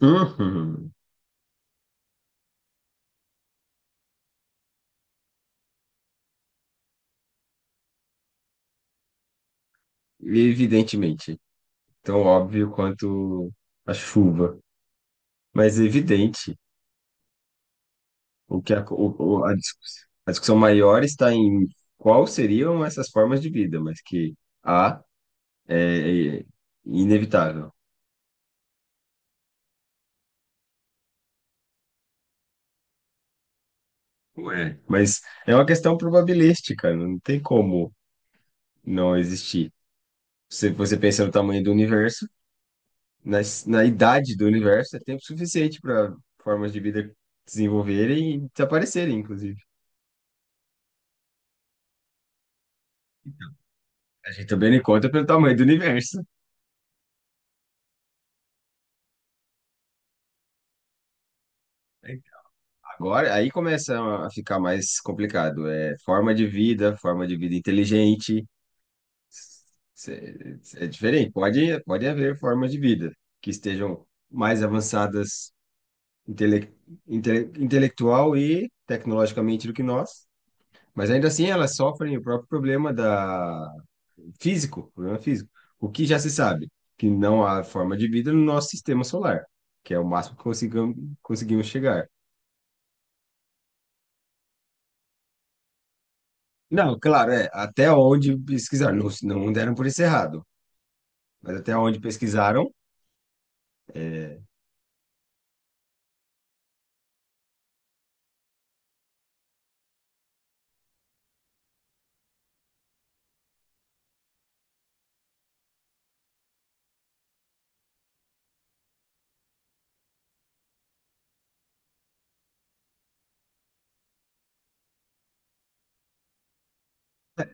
Uhum. Evidentemente, tão óbvio quanto a chuva, mas evidente o que a, o- a discuss- a discussão maior está em qual seriam essas formas de vida, mas que há é inevitável. Ué. Mas é uma questão probabilística, não tem como não existir. Se você pensa no tamanho do universo, na idade do universo, é tempo suficiente para formas de vida desenvolverem e desaparecerem, inclusive. A gente também não conta pelo tamanho do universo. Agora, aí começa a ficar mais complicado. É forma de vida inteligente. É diferente. Pode haver formas de vida que estejam mais avançadas intele, intelectual e tecnologicamente do que nós, mas ainda assim elas sofrem o próprio problema problema físico. O que já se sabe, que não há forma de vida no nosso sistema solar, que é o máximo que conseguimos chegar. Não, claro, até onde pesquisaram, não deram por isso errado, mas até onde pesquisaram. é,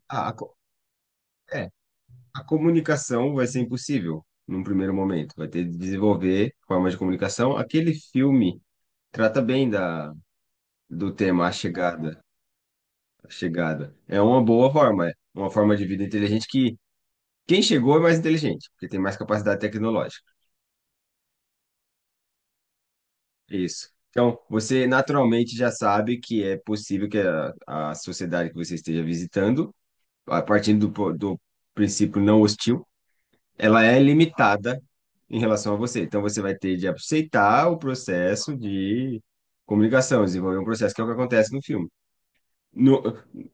a, a co- é, a comunicação vai ser impossível num primeiro momento, vai ter de desenvolver formas de comunicação. Aquele filme trata bem do tema A Chegada, A Chegada. É uma forma de vida inteligente que quem chegou é mais inteligente, porque tem mais capacidade tecnológica. É isso. Então, você naturalmente já sabe que é possível que a sociedade que você esteja visitando a partir do princípio não hostil, ela é limitada em relação a você. Então você vai ter de aceitar o processo de comunicação, desenvolver um processo que é o que acontece no filme. No,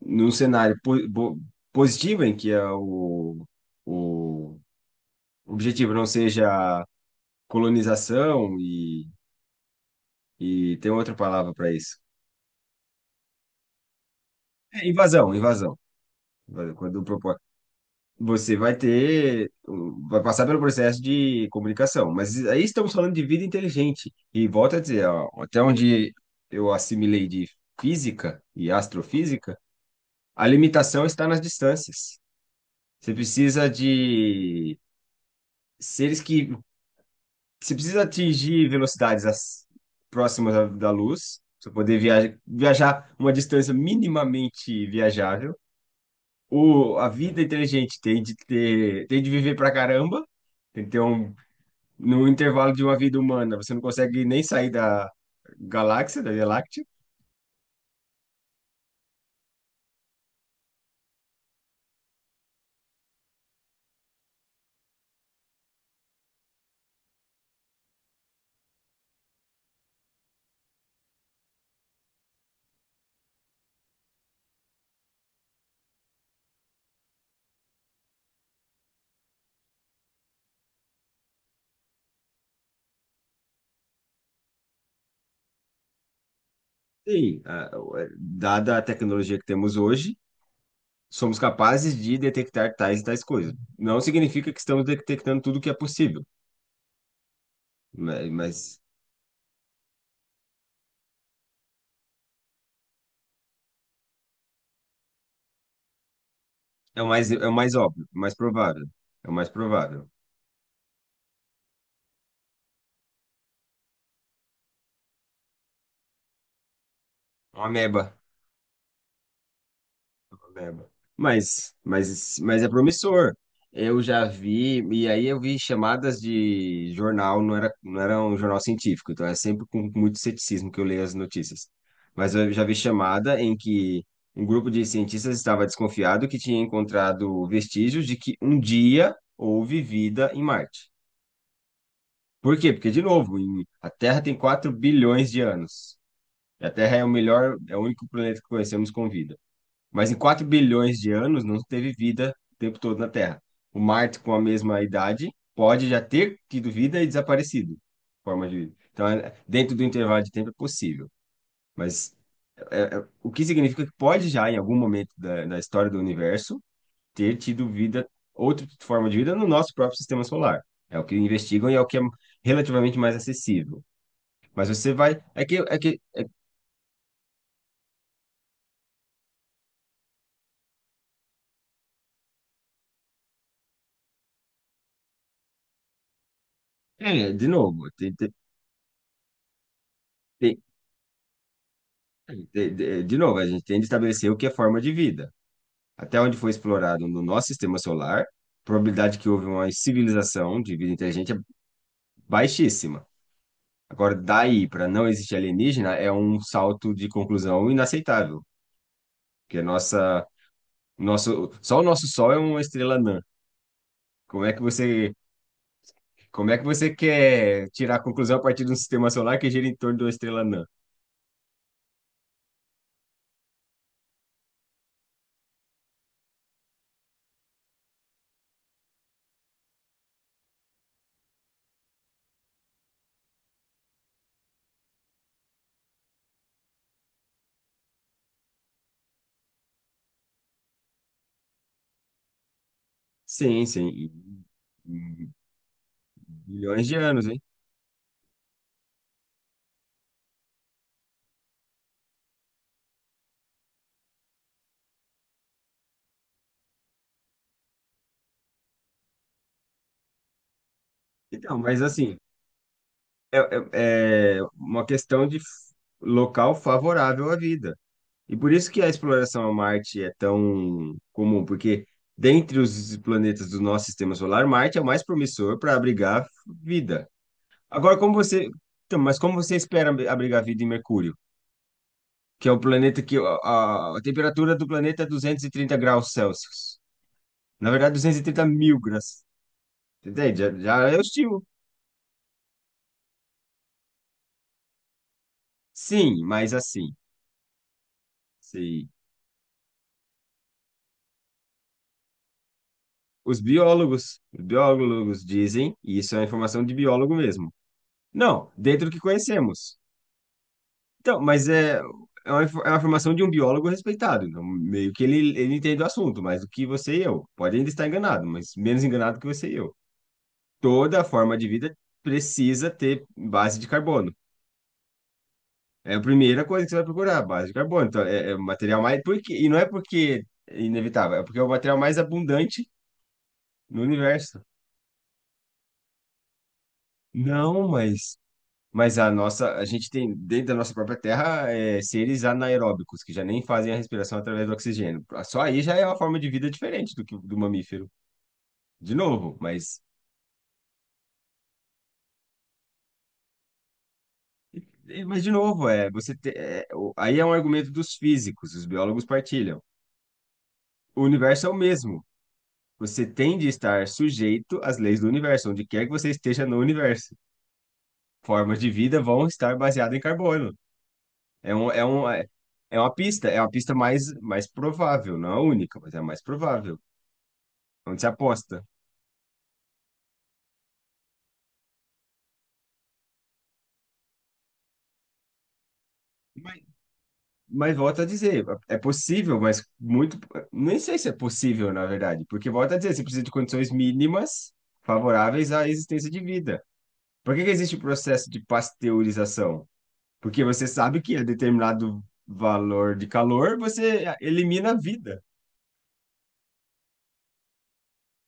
Num cenário positivo em que é o objetivo não seja colonização e tem outra palavra para isso. É invasão, invasão. Quando propõe, você vai ter, vai passar pelo processo de comunicação. Mas aí estamos falando de vida inteligente. E volto a dizer, ó, até onde eu assimilei de física e astrofísica, a limitação está nas distâncias. Você precisa de seres que. Você precisa atingir velocidades próximas da luz, para poder viajar uma distância minimamente viajável. A vida inteligente tem de viver pra caramba, tem que ter um no intervalo de uma vida humana, você não consegue nem sair da galáxia, da Via Láctea? Sim, dada a tecnologia que temos hoje, somos capazes de detectar tais e tais coisas. Não significa que estamos detectando tudo que é possível, mas é é o mais óbvio, o mais provável. É o mais provável. É uma ameba. Lembro. Mas é promissor. Eu já vi, e aí eu vi chamadas de jornal, não era um jornal científico, então é sempre com muito ceticismo que eu leio as notícias. Mas eu já vi chamada em que um grupo de cientistas estava desconfiado que tinha encontrado vestígios de que um dia houve vida em Marte. Por quê? Porque, de novo, a Terra tem 4 bilhões de anos. E a Terra é é o único planeta que conhecemos com vida. Mas em 4 bilhões de anos não teve vida o tempo todo na Terra. O Marte, com a mesma idade, pode já ter tido vida e desaparecido, forma de vida. Então, dentro do intervalo de tempo é possível. Mas o que significa que pode já, em algum momento da história do universo, ter tido vida, outra forma de vida no nosso próprio sistema solar. É o que investigam e é o que é relativamente mais acessível. Mas você vai. É que, é que, é, é, de novo, tem- de de novo, a gente tem de estabelecer o que é forma de vida. Até onde foi explorado no nosso sistema solar, a probabilidade que houve uma civilização de vida inteligente é baixíssima. Agora, daí para não existir alienígena é um salto de conclusão inaceitável, porque só o nosso Sol é uma estrela anã. Como é que você, como é que você quer tirar a conclusão a partir de um sistema solar que gira em torno de uma estrela anã? Sim, sim, e milhões de anos, hein? Então, mas assim, é, é uma questão local favorável à vida. E por isso que a exploração a Marte é tão comum, porque dentre os planetas do nosso sistema solar, Marte é o mais promissor para abrigar vida. Agora, como você. Então, mas como você espera abrigar vida em Mercúrio, que é o planeta que. A temperatura do planeta é 230 graus Celsius. Na verdade, 230 mil graus. Entende? Já, já é hostil. Sim, mas assim. Sim. Os biólogos dizem, e isso é uma informação de biólogo mesmo. Não, dentro do que conhecemos. Então, mas é uma informação de um biólogo respeitado. Então, meio que ele entende o assunto, mais do que você e eu. Pode ainda estar enganado, mas menos enganado que você e eu. Toda forma de vida precisa ter base de carbono. É a primeira coisa que você vai procurar, base de carbono. Então, é o material mais. Por quê? E não é porque é inevitável, é porque é o material mais abundante no universo. Não, mas a gente tem dentro da nossa própria terra seres anaeróbicos que já nem fazem a respiração através do oxigênio. Só aí já é uma forma de vida diferente do que do mamífero. De novo, mas de novo é você te- é, o- aí é um argumento dos físicos, os biólogos partilham. O universo é o mesmo. Você tem de estar sujeito às leis do universo, onde quer que você esteja no universo. Formas de vida vão estar baseadas em carbono. É um, é um, é é uma pista mais provável, não é a única, mas é a mais provável. Onde se aposta. Mas, mas volto a dizer, é possível, mas muito. Nem sei se é possível, na verdade, porque volto a dizer, você precisa de condições mínimas favoráveis à existência de vida. Por que que existe o processo de pasteurização? Porque você sabe que a determinado valor de calor você elimina a vida.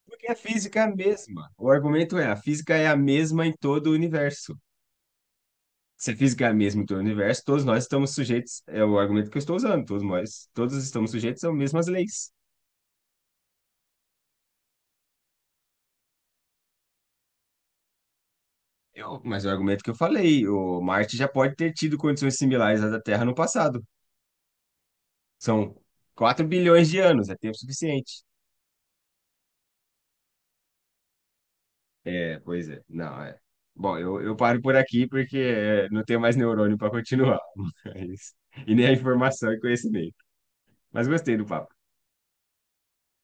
Porque a física é a mesma. O argumento é, a física é a mesma em todo o universo. Se a física é a mesma em todo o universo, todos nós estamos sujeitos, é o argumento que eu estou usando, todos estamos sujeitos às mesmas leis. Mas é o argumento que eu falei, o Marte já pode ter tido condições similares às da Terra no passado. São 4 bilhões de anos, é tempo suficiente. É, pois é. Não, é. Bom, eu paro por aqui porque não tenho mais neurônio para continuar. Mas- e nem a informação e conhecimento. Mas gostei do papo.